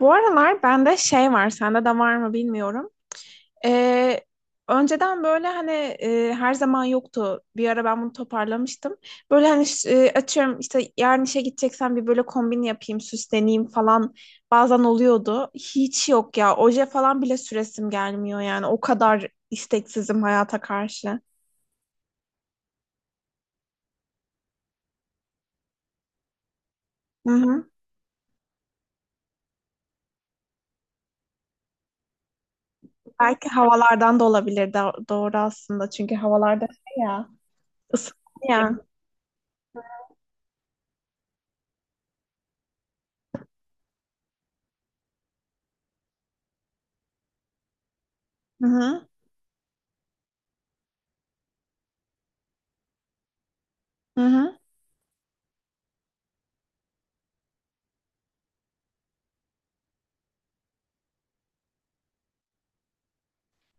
Bu aralar bende şey var, sende de var mı bilmiyorum. Ee, Önceden böyle hani her zaman yoktu. Bir ara ben bunu toparlamıştım. Böyle hani açıyorum işte yarın işe gideceksem bir böyle kombin yapayım, süsleneyim falan bazen oluyordu. Hiç yok ya. Oje falan bile süresim gelmiyor yani. O kadar isteksizim hayata karşı. Hı hı. Belki havalardan da olabilir. Doğru aslında çünkü havalarda şey ya ısınıyor. Ya. Hı hı. Hı hı.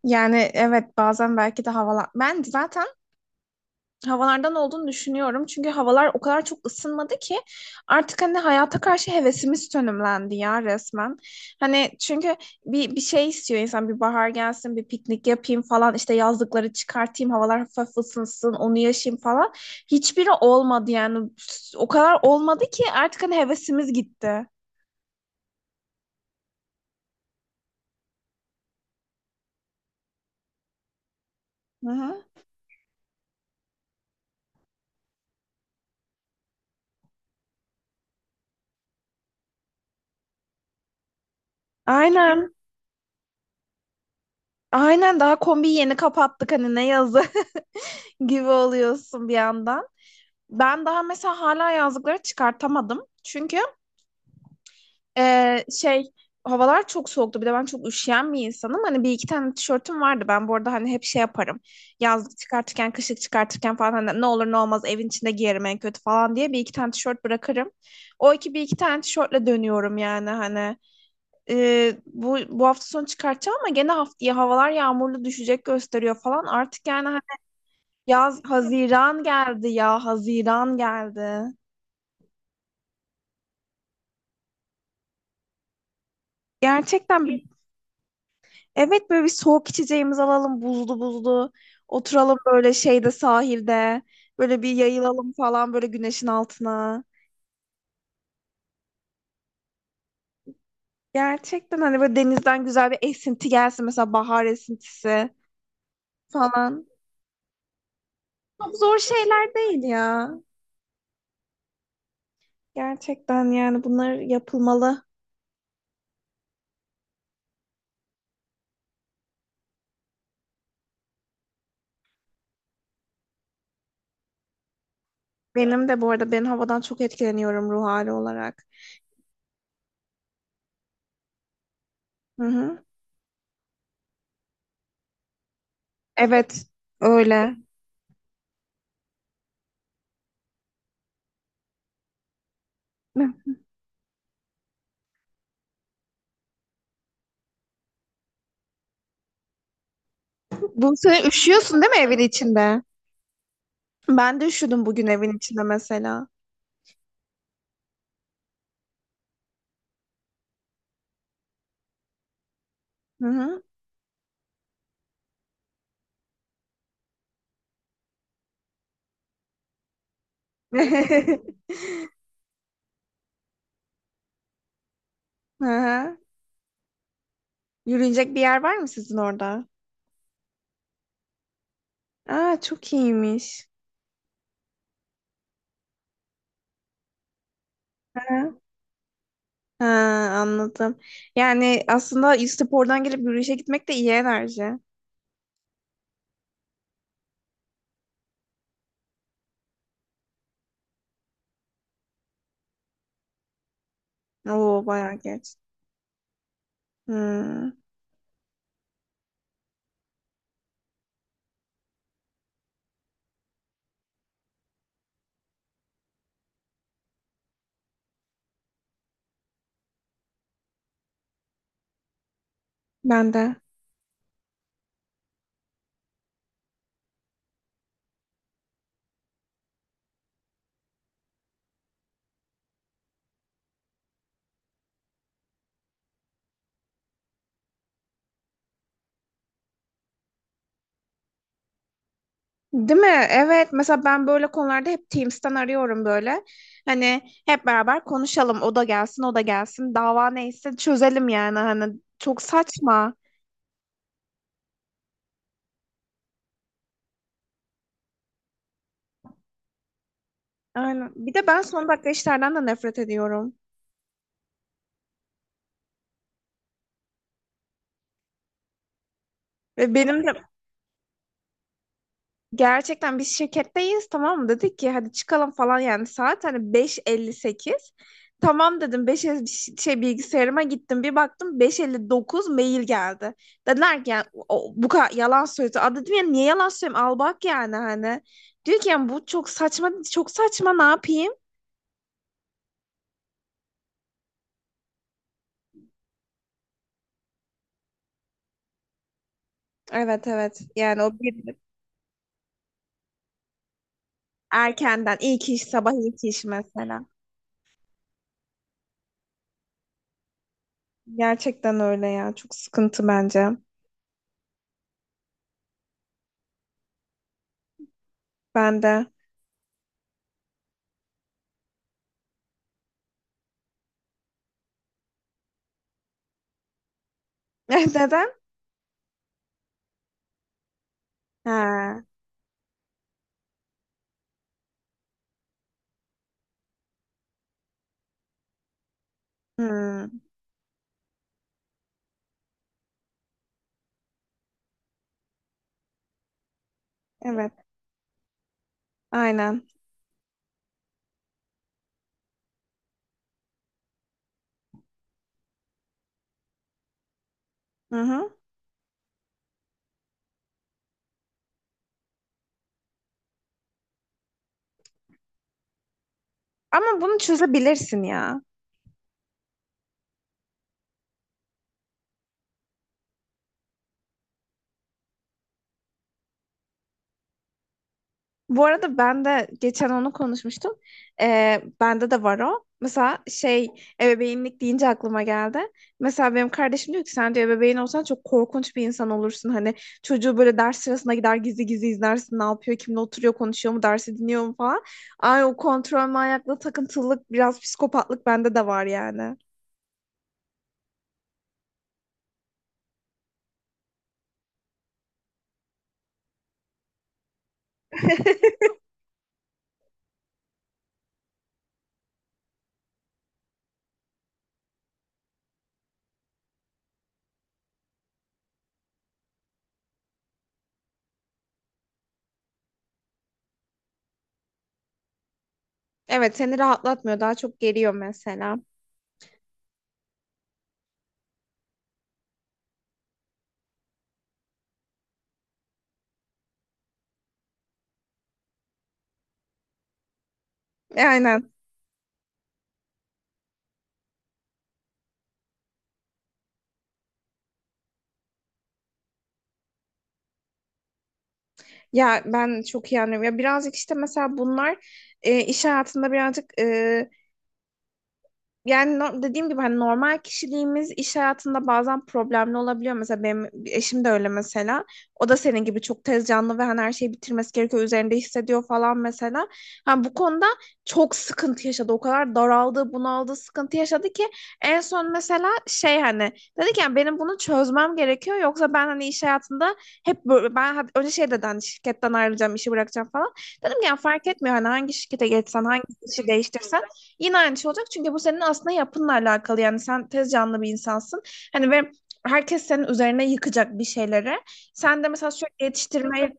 Yani evet bazen belki de havalar... Ben zaten havalardan olduğunu düşünüyorum. Çünkü havalar o kadar çok ısınmadı ki artık hani hayata karşı hevesimiz sönümlendi ya resmen. Hani çünkü bir şey istiyor insan, bir bahar gelsin, bir piknik yapayım falan, işte yazlıkları çıkartayım, havalar hafif ısınsın, onu yaşayayım falan. Hiçbiri olmadı yani, o kadar olmadı ki artık hani hevesimiz gitti. Hı hı. Aynen. Aynen, daha kombiyi yeni kapattık hani, ne yazı gibi oluyorsun bir yandan. Ben daha mesela hala yazlıkları çıkartamadım. Çünkü e, şey havalar çok soğuktu. Bir de ben çok üşüyen bir insanım. Hani bir iki tane tişörtüm vardı. Ben bu arada hani hep şey yaparım. Yazlık çıkartırken, kışlık çıkartırken falan, hani ne olur ne olmaz evin içinde giyerim en kötü falan diye bir iki tane tişört bırakırım. O iki Bir iki tane tişörtle dönüyorum yani hani. E, bu hafta sonu çıkartacağım, ama gene haftaya havalar yağmurlu düşecek gösteriyor falan. Artık yani hani yaz, Haziran geldi ya, Haziran geldi. Gerçekten evet böyle bir soğuk içeceğimizi alalım, buzlu buzlu. Oturalım böyle şeyde, sahilde. Böyle bir yayılalım falan böyle güneşin altına. Gerçekten hani böyle denizden güzel bir esinti gelsin. Mesela bahar esintisi falan. Çok zor şeyler değil ya. Gerçekten yani bunlar yapılmalı. Benim de bu arada, ben havadan çok etkileniyorum ruh hali olarak. Hı hı. Evet, öyle. Bu sene üşüyorsun değil mi evin içinde? Ben de üşüdüm bugün evin içinde mesela. Hı hı. Hı hı. Yürünecek bir yer var mı sizin orada? Aa, çok iyiymiş. Hı. Ha, anladım. Yani aslında spordan gelip yürüyüşe gitmek de iyi enerji. Oo, bayağı geç. Hmm, ben de. Değil mi? Evet. Mesela ben böyle konularda hep Teams'ten arıyorum böyle. Hani hep beraber konuşalım. O da gelsin, o da gelsin. Dava neyse çözelim yani. Hani çok saçma. Aynen. Bir de ben son dakika işlerden de nefret ediyorum. Ve benim de gerçekten biz şirketteyiz, tamam mı? Dedik ki hadi çıkalım falan, yani saat hani beş elli sekiz. Tamam dedim, 5 şey, bilgisayarıma gittim, bir baktım beş elli dokuz mail geldi. Dediler ki yani, o- bu kadar yalan söyledi. Aa, dedim ya, niye yalan söylüyorum, al bak yani hani. Diyor ki yani bu çok saçma, çok saçma, ne yapayım? Evet evet, yani o bir erkenden, ilk iş sabah ilk iş mesela. Gerçekten öyle ya, çok sıkıntı bence. Ben de. Neden? Ha. Hmm. Evet, aynen. Hı hı. Ama bunu çözebilirsin ya. Bu arada ben de geçen onu konuşmuştum. Bende de var o. Mesela şey, ebeveynlik deyince aklıma geldi. Mesela benim kardeşim diyor ki, sen diyor ebeveyn olsan çok korkunç bir insan olursun. Hani çocuğu böyle ders sırasına gider gizli gizli izlersin, ne yapıyor, kimle oturuyor, konuşuyor mu, dersi dinliyor mu falan. Ay, o kontrol manyaklığı, takıntılılık, biraz psikopatlık bende de var yani. Evet, seni rahatlatmıyor, daha çok geriyor mesela. E, aynen. Ya ben çok iyi anlıyorum. Ya birazcık işte mesela bunlar iş hayatında birazcık, yani dediğim gibi hani normal kişiliğimiz iş hayatında bazen problemli olabiliyor. Mesela benim eşim de öyle mesela. O da senin gibi çok tez canlı ve hani her şeyi bitirmesi gerekiyor. Üzerinde hissediyor falan mesela. Hani bu konuda çok sıkıntı yaşadı. O kadar daraldı, bunaldı, sıkıntı yaşadı ki en son mesela şey hani dedi ki, yani benim bunu çözmem gerekiyor. Yoksa ben hani iş hayatında hep böyle, ben önce şey dedi hani, şirketten ayrılacağım, işi bırakacağım falan. Dedim ki yani fark etmiyor, hani hangi şirkete geçsen, hangi işi değiştirsen yine aynı şey olacak, çünkü bu senin aslında yapınla alakalı. Yani sen tez canlı bir insansın. Hani ve herkes senin üzerine yıkacak bir şeyleri. Sen de mesela sürekli yetiştirmeye.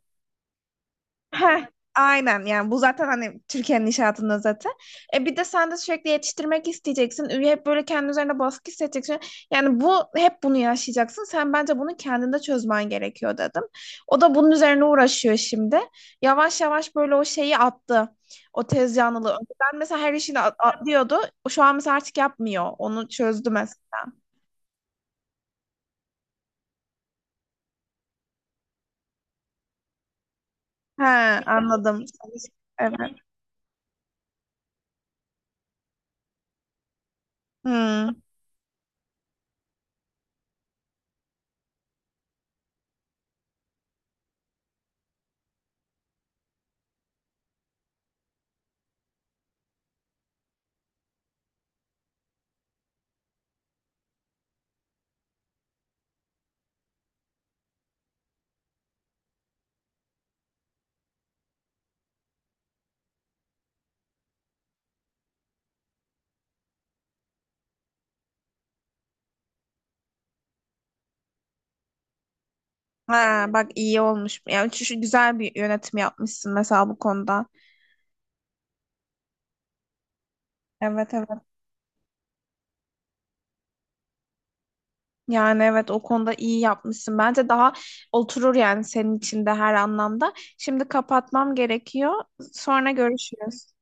Heh, aynen, yani bu zaten hani Türkiye'nin inşaatında zaten. E bir de sen de sürekli yetiştirmek isteyeceksin. Hep böyle kendi üzerine baskı hissedeceksin. Yani bu, hep bunu yaşayacaksın. Sen bence bunu kendinde çözmen gerekiyor dedim. O da bunun üzerine uğraşıyor şimdi. Yavaş yavaş böyle o şeyi attı. O tez yanlılığı. Önceden mesela her işini atlıyordu. Şu an mesela artık yapmıyor. Onu çözdü mesela. He, anladım. Evet. Hmm. Ha, bak iyi olmuş. Yani şu güzel bir yönetim yapmışsın mesela bu konuda. Evet evet. Yani evet, o konuda iyi yapmışsın. Bence daha oturur yani senin için de her anlamda. Şimdi kapatmam gerekiyor. Sonra görüşürüz.